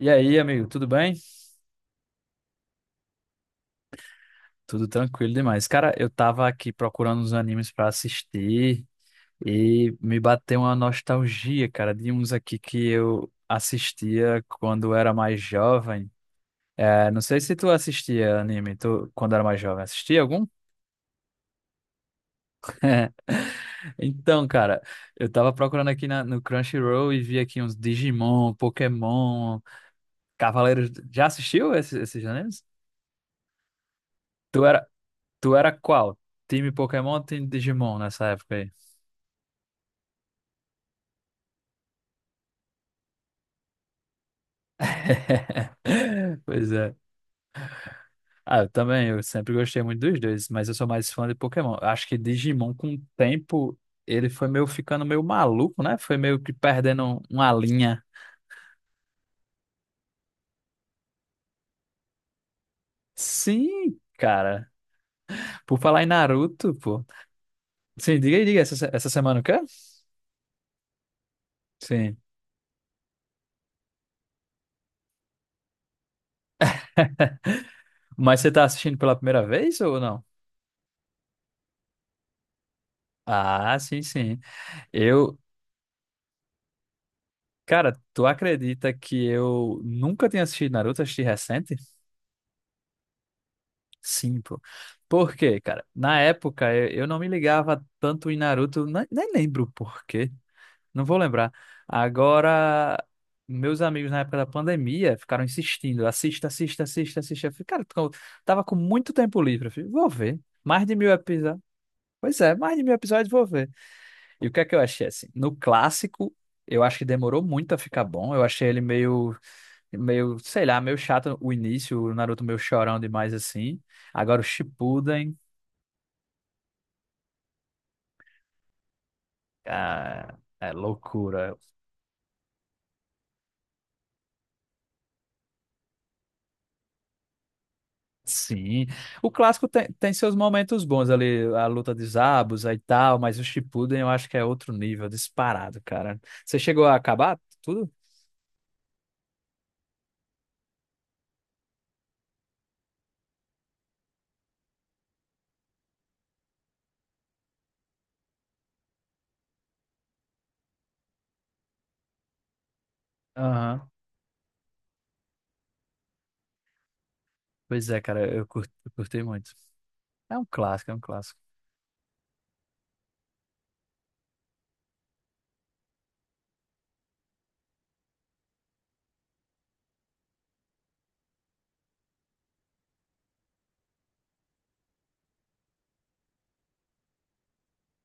E aí, amigo, tudo bem? Tudo tranquilo demais. Cara, eu tava aqui procurando uns animes pra assistir e me bateu uma nostalgia, cara, de uns aqui que eu assistia quando era mais jovem. É, não sei se tu assistia anime tu, quando era mais jovem. Assistia algum? Então, cara, eu tava procurando aqui no Crunchyroll e vi aqui uns Digimon, Pokémon, Cavaleiros. Já assistiu esses animes? Tu era, tu era qual? Time Pokémon ou time Digimon nessa época aí? Pois é. Ah, eu também, eu sempre gostei muito dos dois, mas eu sou mais fã de Pokémon. Eu acho que Digimon, com o tempo, ele foi meio ficando meio maluco, né? Foi meio que perdendo uma linha. Sim, cara. Por falar em Naruto, pô. Sim, diga aí, diga, essa, essa semana o quê? Sim. Mas você tá assistindo pela primeira vez ou não? Ah, sim, sim. Eu, cara, tu acredita que eu nunca tinha assistido Naruto, assisti recente? Sim, pô. Por quê, cara? Na época eu não me ligava tanto em Naruto, ne- nem, lembro por quê, não vou lembrar. Agora, meus amigos na época da pandemia ficaram insistindo: assista, assista, assista, assista. Eu falei, cara, eu tava com muito tempo livre. Eu falei, vou ver. Mais de mil episódios. Pois é, mais de mil episódios, vou ver. E o que é que eu achei assim? No clássico, eu acho que demorou muito a ficar bom. Eu achei ele meio, meio, sei lá, meio chato o início, o Naruto meio chorão demais assim. Agora o Shippuden. Ah, é loucura. Sim. O clássico tem seus momentos bons ali, a luta de Zabuza e tal, mas o Shippuden eu acho que é outro nível, disparado, cara. Você chegou a acabar tudo? Aham. Pois é, cara, eu curti muito. É um clássico, é um clássico.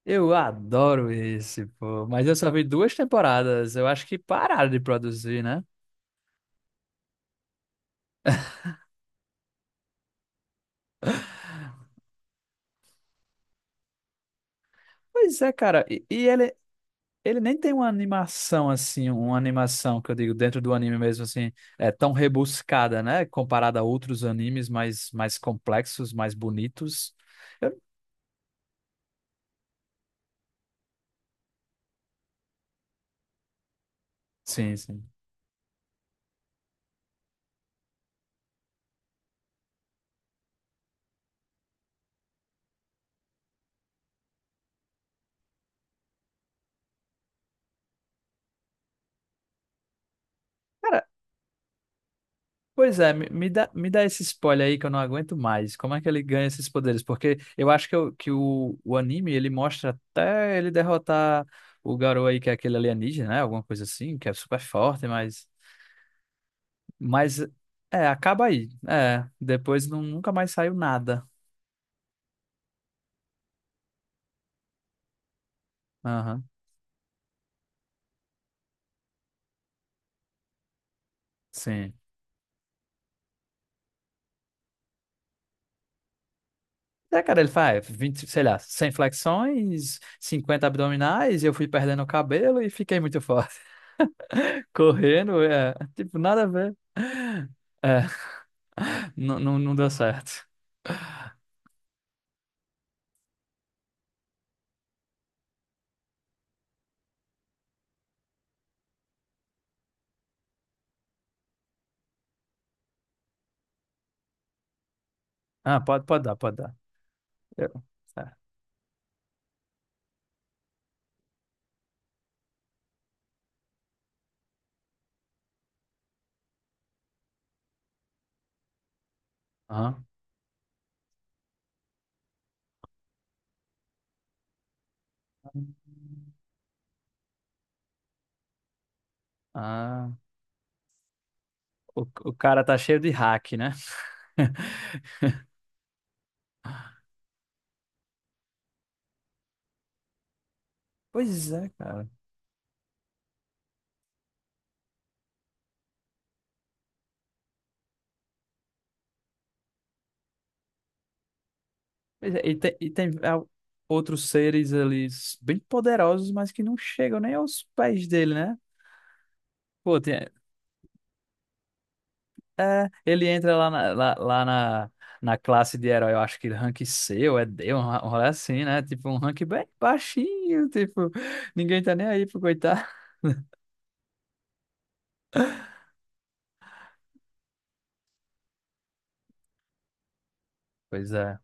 Eu adoro esse, pô. Mas eu só vi duas temporadas. Eu acho que pararam de produzir, né? Pois é, cara. E ele nem tem uma animação assim, uma animação que eu digo dentro do anime mesmo assim, é tão rebuscada, né? Comparada a outros animes mais, mais complexos, mais bonitos. Eu- Sim, sim. Cara, pois é, me dá esse spoiler aí que eu não aguento mais. Como é que ele ganha esses poderes? Porque eu acho que, o que o anime ele mostra até ele derrotar o garoto aí que é aquele alienígena, né? Alguma coisa assim, que é super forte, mas é, acaba aí. É, depois não, nunca mais saiu nada. Aham. Sim. É, cara, ele faz 20 sei lá, 100 flexões, 50 abdominais, e eu fui perdendo o cabelo e fiquei muito forte. Correndo, é, tipo, nada a ver. É, não, não, não deu certo. Ah, pode, pode dar, pode dar. Eu, tá. Aham. Ah, o cara tá cheio de hack, né? Pois é, cara. Pois é, e tem outros seres ali bem poderosos, mas que não chegam nem aos pés dele, né? Pô, tem, é, ele entra lá na, lá, lá na, na classe de herói, eu acho que rank C ou é D, um, um rolê assim, né? Tipo, um rank bem baixinho, tipo, ninguém tá nem aí pro coitado. Pois é.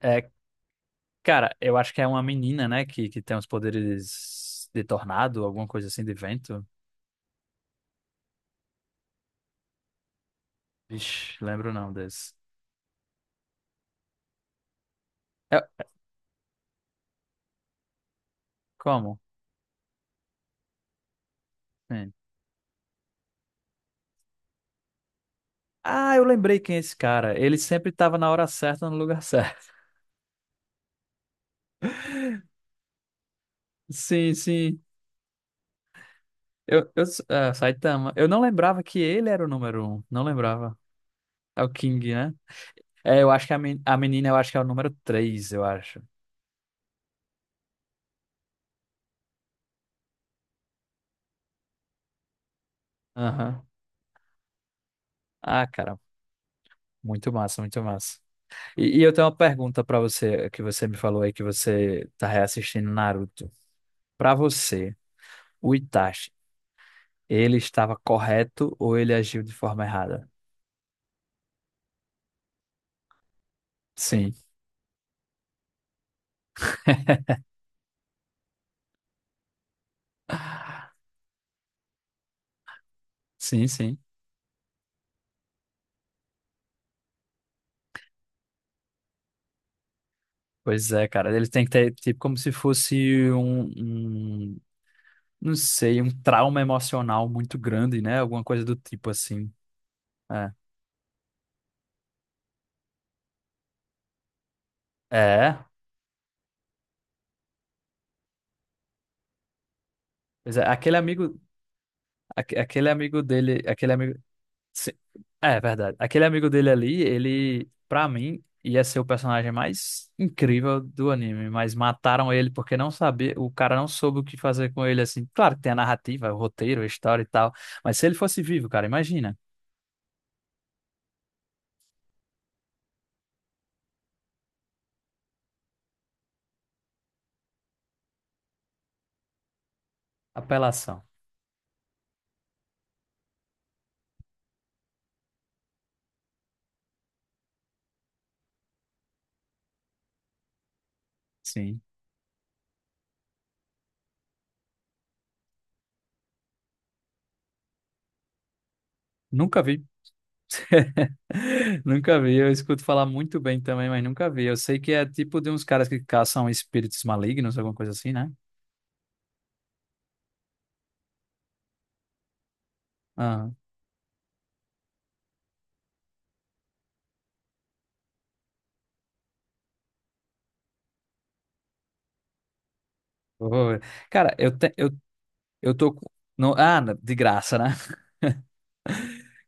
É, cara, eu acho que é uma menina, né, que tem os poderes de tornado, alguma coisa assim, de vento. Vixe, lembro não desse. É, como? Sim. Ah, eu lembrei quem é esse cara. Ele sempre tava na hora certa, no lugar certo. Sim, sim. Eu, eu, ah, Saitama. Eu não lembrava que ele era o número um. Não lembrava. É o King, né? É, eu acho que a menina, eu acho que é o número três, eu acho. Aham. Ah, cara, muito massa, muito massa. Eu tenho uma pergunta pra você, que você me falou aí que você tá reassistindo Naruto. Pra você, o Itachi, ele estava correto ou ele agiu de forma errada? Sim, sim, sim. Pois é, cara, ele tem que ter, tipo, como se fosse um, não sei, um trauma emocional muito grande, né? Alguma coisa do tipo assim. É. É. Pois é, aquele amigo, aquele amigo dele, sim, é verdade. Aquele amigo dele ali, ele, pra mim, ia ser o personagem mais incrível do anime, mas mataram ele porque não sabia, o cara não soube o que fazer com ele assim. Claro que tem a narrativa, o roteiro, a história e tal, mas se ele fosse vivo, cara, imagina. Apelação. Sim. Nunca vi. Nunca vi. Eu escuto falar muito bem também, mas nunca vi. Eu sei que é tipo de uns caras que caçam espíritos malignos, alguma coisa assim, né? Oi. Cara, eu, te, eu tô. Com- no, ah, de graça, né?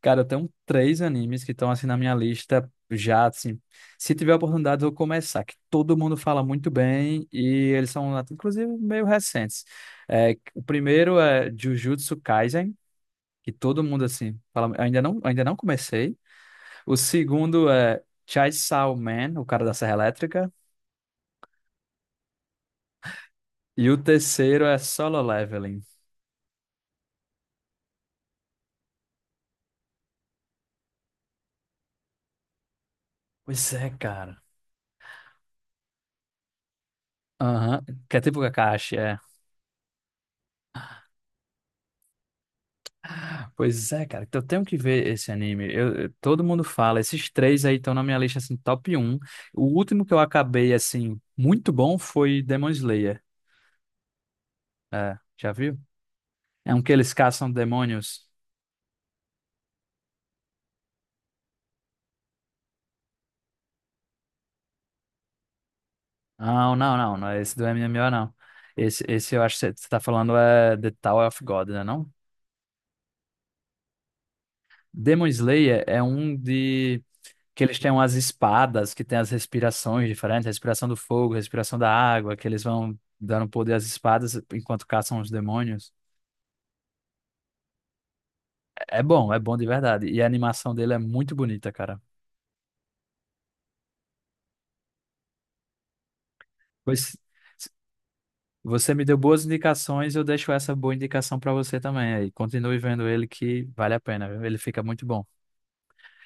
Cara, eu tenho três animes que estão assim na minha lista já, assim. Se tiver oportunidade, eu vou começar, que todo mundo fala muito bem e eles são, até, inclusive, meio recentes. É, o primeiro é Jujutsu Kaisen, que todo mundo, assim, fala. Eu ainda não, ainda não comecei. O segundo é Chainsaw Man, o cara da Serra Elétrica. E o terceiro é Solo Leveling. Pois é, cara. Aham, que é tipo Kakashi, é. Pois é, cara. Então eu tenho que ver esse anime. Todo mundo fala. Esses três aí estão na minha lista, assim, top um. O último que eu acabei, assim, muito bom foi Demon Slayer. É, já viu? É um que eles caçam demônios. Não, não, não. Não é esse do MMO, não. Esse, esse eu acho que você tá falando é The Tower of God, né, não? Demon Slayer é um de... Que eles têm umas espadas, que tem as respirações diferentes. Respiração do fogo, respiração da água. Que eles vão dando poder às espadas enquanto caçam os demônios. É bom de verdade. E a animação dele é muito bonita, cara. Pois você me deu boas indicações, eu deixo essa boa indicação pra você também aí. Continue vendo ele que vale a pena, viu? Ele fica muito bom.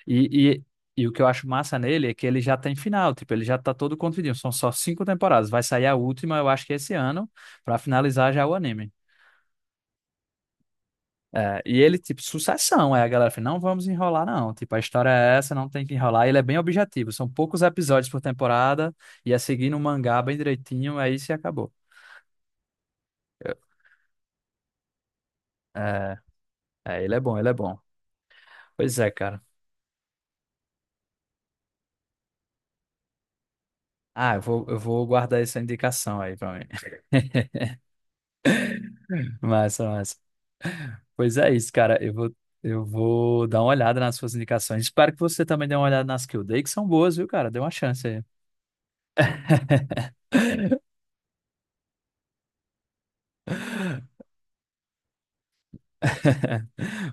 E, e, e o que eu acho massa nele é que ele já tem final, tipo, ele já tá todo contidinho. São só 5 temporadas. Vai sair a última, eu acho que esse ano, pra finalizar já o anime. É, e ele, tipo, sucessão. Aí a galera fala, não vamos enrolar, não. Tipo, a história é essa, não tem que enrolar. E ele é bem objetivo. São poucos episódios por temporada. E é seguir no mangá bem direitinho. Aí se acabou. Eu- É, é, ele é bom, ele é bom. Pois é, cara. Ah, eu vou guardar essa indicação aí pra mim. Massa, massa. Pois é isso, cara. Eu vou dar uma olhada nas suas indicações. Espero que você também dê uma olhada nas que eu dei, que são boas, viu, cara? Dê uma chance aí.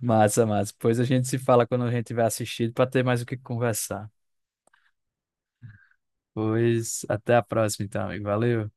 Massa, massa. Pois a gente se fala quando a gente tiver assistido para ter mais o que conversar. Pois até a próxima, então, amigo. Valeu.